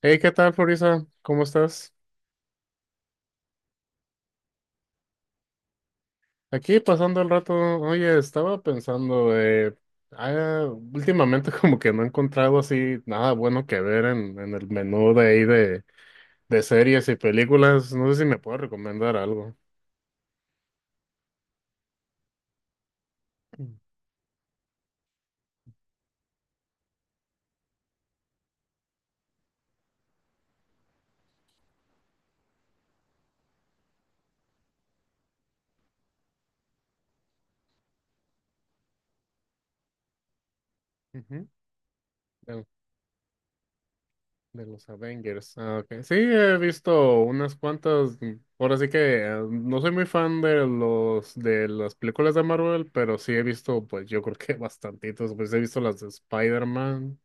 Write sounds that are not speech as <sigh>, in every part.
Hey, ¿qué tal, Florisa? ¿Cómo estás? Aquí pasando el rato. Oye, estaba pensando, ah, últimamente <laughs> como que no he encontrado así nada bueno que ver en el menú de ahí de series y películas. No sé si me puedes recomendar algo. Mm. Ujú. De, de los Avengers. Ah, ok. Sí, he visto unas cuantas. Ahora sí que no soy muy fan de las películas de Marvel, pero sí he visto, pues yo creo que <laughs> bastantitos. Pues he visto las de Spider-Man.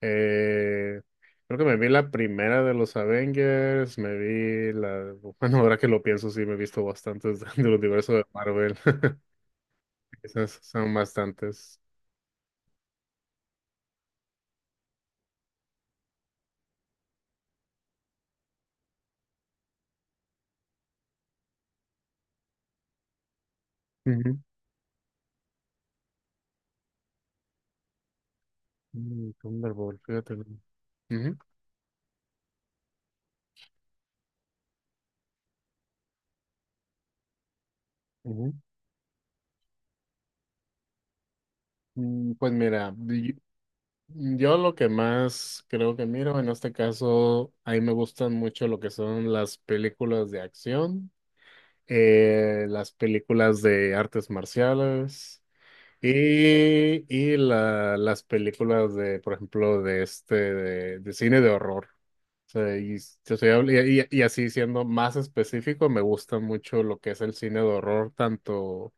Eh, creo que me vi la primera de los Avengers, <laughs> Bueno, ahora que lo pienso, sí, me he visto bastantes <laughs> del universo de Marvel. <laughs> Esas son bastantes. Ujú. Mm, Thunderbolt, fíjate. Ujú, ujú. Mm, pues mira, yo lo que más creo que miro en este caso, a mí me gustan mucho lo que son las películas de acción, las películas de artes marciales. Y las películas de, por ejemplo, de este, de cine de horror. O sea, y yo soy y así siendo más específico, me gusta mucho lo que es el cine de horror, tanto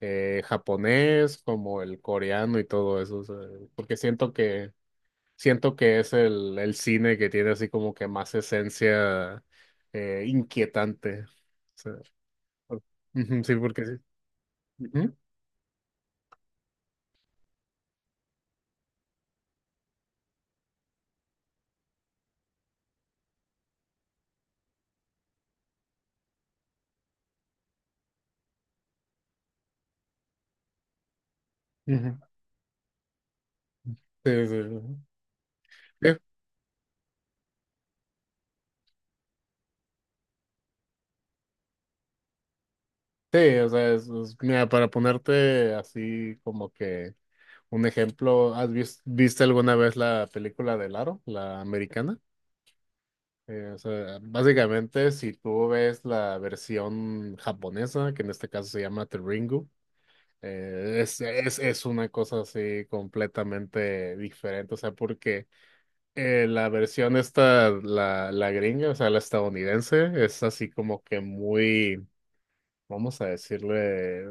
japonés como el coreano y todo eso. O sea, porque siento que es el cine que tiene así como que más esencia inquietante. O sea, por- ujú, sí, porque sí. Ujú, ujú. Sí, sí, sí. Sí, o sea, mira, para ponerte así como que un ejemplo, ¿has visto viste alguna vez la película de Aro, la americana? O sea, básicamente, si tú ves la versión japonesa, que en este caso se llama The Ringu, es una cosa así completamente diferente. O sea, porque la versión esta, la gringa, o sea, la estadounidense, es así como que muy, vamos a decirle,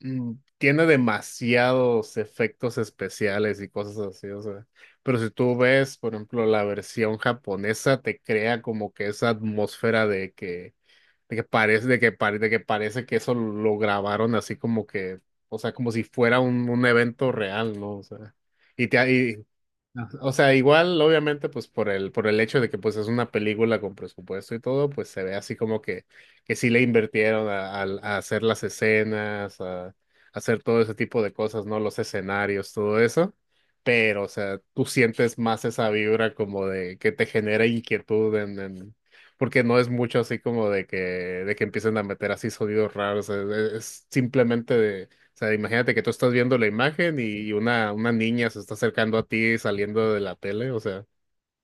tiene demasiados efectos especiales y cosas así. O sea, pero si tú ves, por ejemplo, la versión japonesa te crea como que esa atmósfera de que parece de que pare- de que parece que eso lo grabaron así como que, o sea, como si fuera un evento real, ¿no? O sea, y te, y ajá. O sea, igual, obviamente, pues por el hecho de que pues es una película con presupuesto y todo, pues se ve así como que sí le invirtieron a hacer las escenas, a hacer todo ese tipo de cosas, ¿no? Los escenarios, todo eso. Pero, o sea, tú sientes más esa vibra como de que te genera inquietud porque no es mucho así como de que empiecen a meter así sonidos raros. Es simplemente, sea, imagínate que tú estás viendo la imagen y una niña se está acercando a ti saliendo de la tele. O sea,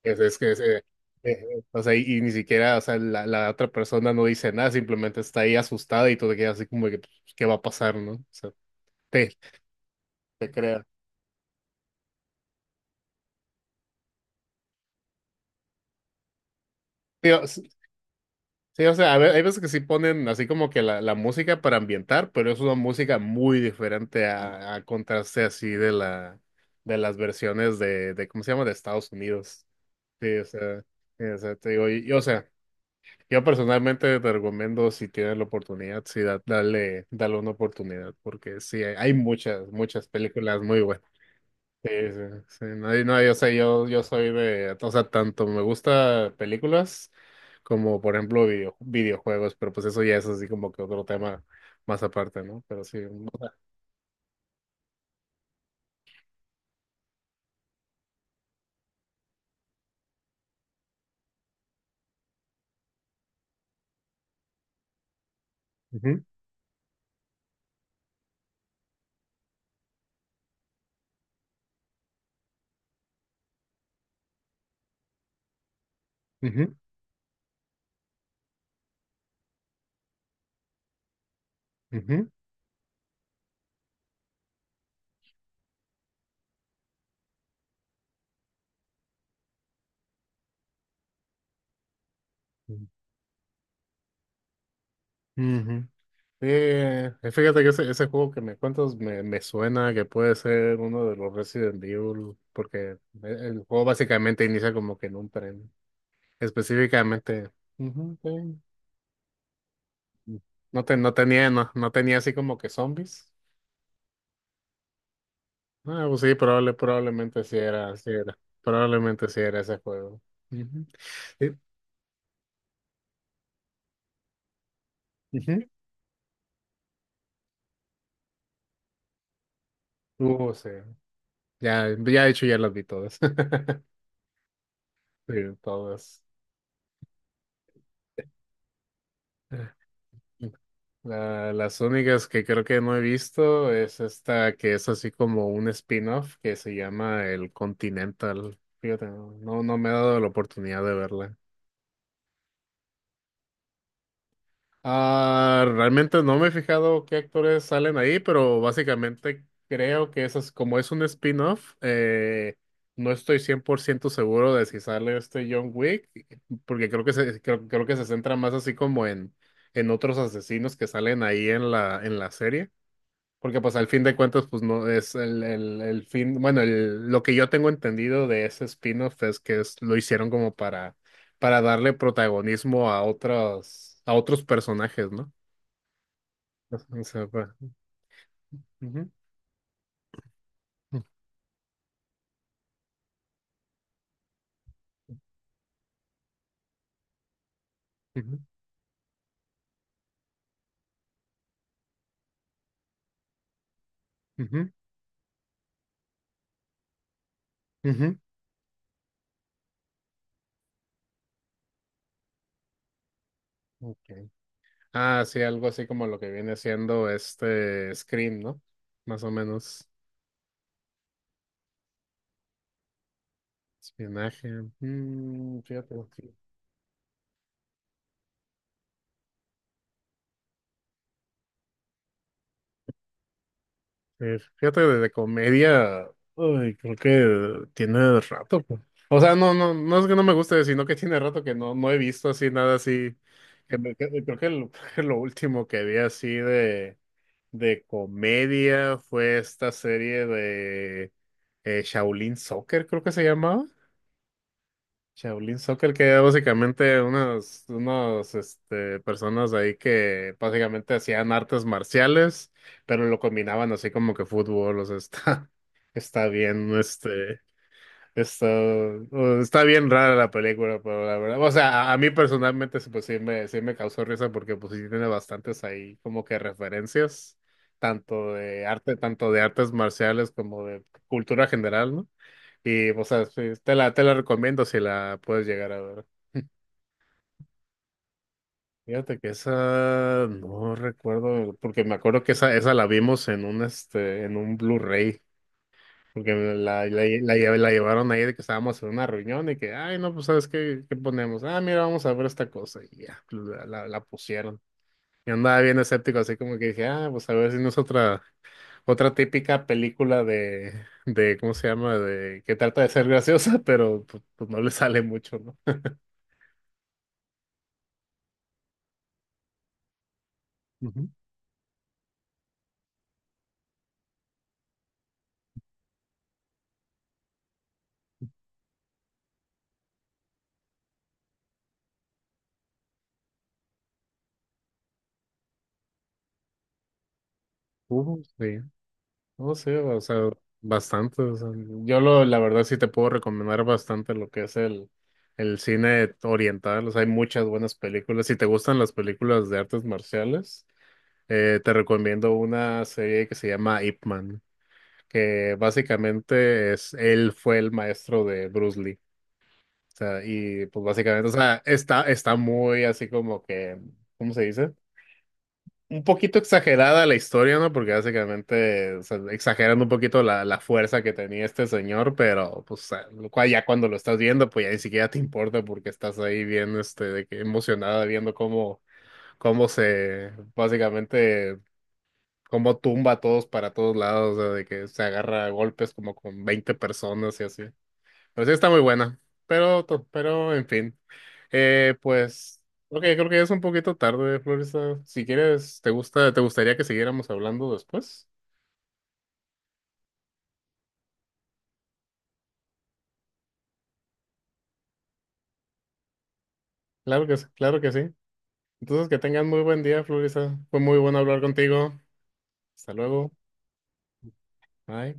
es, es que, es, eh, o sea, y ni siquiera, o sea, la otra persona no dice nada, simplemente está ahí asustada y tú te quedas así como que, pues, ¿qué va a pasar, no? O sea, te, te crea. Digo, sí, o sea, hay veces que sí ponen así como que la música para ambientar, pero es una música muy diferente a contraste así de las versiones de, ¿cómo se llama? De Estados Unidos. Sí, o sea, sí, o sea, te digo, y, o sea, yo personalmente te recomiendo si tienes la oportunidad, sí, dale una oportunidad, porque sí, hay muchas, muchas películas muy buenas. Sí, sí, sí, no, y no, yo sé, yo soy de, o sea, tanto me gusta películas como, por ejemplo, videojuegos, pero pues eso ya es así como que otro tema más aparte, ¿no? Pero sí, o sea, ujú, ujú, ujú, ujú, ujú. Fíjate que ese juego que me cuentas me suena que puede ser uno de los Resident Evil, porque el juego básicamente inicia como que en un tren. Específicamente, ujú, sí. mm, No, no tenía, no tenía así como que zombies. Ah, pues sí, probablemente sí era. Probablemente sí era ese juego. Ujú. Sí, ujú. Sí, ya, ya de hecho ya las vi todas. <laughs> Sí, todas. Las únicas que creo que no he visto es esta que es así como un spin-off que se llama El Continental. Fíjate, no me ha dado la oportunidad de verla. Ah, realmente no me he fijado qué actores salen ahí, pero básicamente creo que eso es como es un spin-off. No estoy 100% seguro de si sale este John Wick, porque creo que se centra más así como en otros asesinos que salen ahí en la serie. Porque pues al fin de cuentas, pues no es el fin, bueno, lo que yo tengo entendido de ese spin-off es que lo hicieron como para darle protagonismo a otros personajes, ¿no? O sea, ujú, ujú, ujú, ujú. Okay. Ah, sí, algo así como lo que viene siendo este Scream, ¿no? Más o menos. Espionaje. Fíjate. Fíjate que de comedia, uy, creo que tiene rato, pues. O sea, no, no, no es que no me guste, sino que tiene rato que no he visto así nada así. Creo que lo, <laughs> lo último que vi así de comedia fue esta serie de Shaolin Soccer, creo que se llamaba. Shaolin Soccer, que era básicamente unos este, personas ahí que básicamente hacían artes marciales, pero lo combinaban así como que fútbol, o sea, está, <laughs> está bien, está bien rara la película, pero la verdad, o sea, a mí personalmente sí, pues sí me causó risa porque pues sí tiene bastantes ahí como que referencias, tanto de artes marciales como de cultura general, ¿no? Y, o sea, sí, te la recomiendo si la puedes llegar a ver. Fíjate que esa no recuerdo, porque me acuerdo que esa la vimos en un Blu-ray, porque la llevaron ahí de que estábamos en una reunión y que, ay, no, pues sabes qué, ponemos, mira, vamos a ver esta cosa, y ya, la pusieron. Y andaba bien escéptico, así como que dije, pues a ver si no es otra, típica película de, ¿cómo se llama? De que trata de ser graciosa, <laughs> pero pues, no le sale mucho, ¿no? Sí, no sé, o sea, bastante. O sea, la verdad sí te puedo recomendar bastante lo que es el cine oriental. O sea, hay muchas buenas películas. Si te gustan las películas de artes marciales, te recomiendo una serie que se llama Ip Man, que básicamente él fue el maestro de Bruce Lee. O sea, y pues básicamente, o sea, está muy así como que, ¿cómo se dice? Un poquito exagerada la historia, ¿no? Porque básicamente, o sea, exagerando un poquito la fuerza que tenía este señor, pero pues lo cual ya cuando lo estás viendo, pues ya ni siquiera te importa porque estás ahí bien, este, de que emocionada viendo cómo se, básicamente, cómo tumba a todos para todos lados, o sea, de que se agarra a golpes como con 20 personas y así. Pero sí está muy buena. Pero en fin. Pues, ok, creo que ya es un poquito tarde, Florista. Si quieres, te gustaría que siguiéramos hablando después. Claro que sí, claro que sí. Entonces, que tengan muy buen día, Florista. Fue muy bueno hablar contigo. Hasta luego. Bye.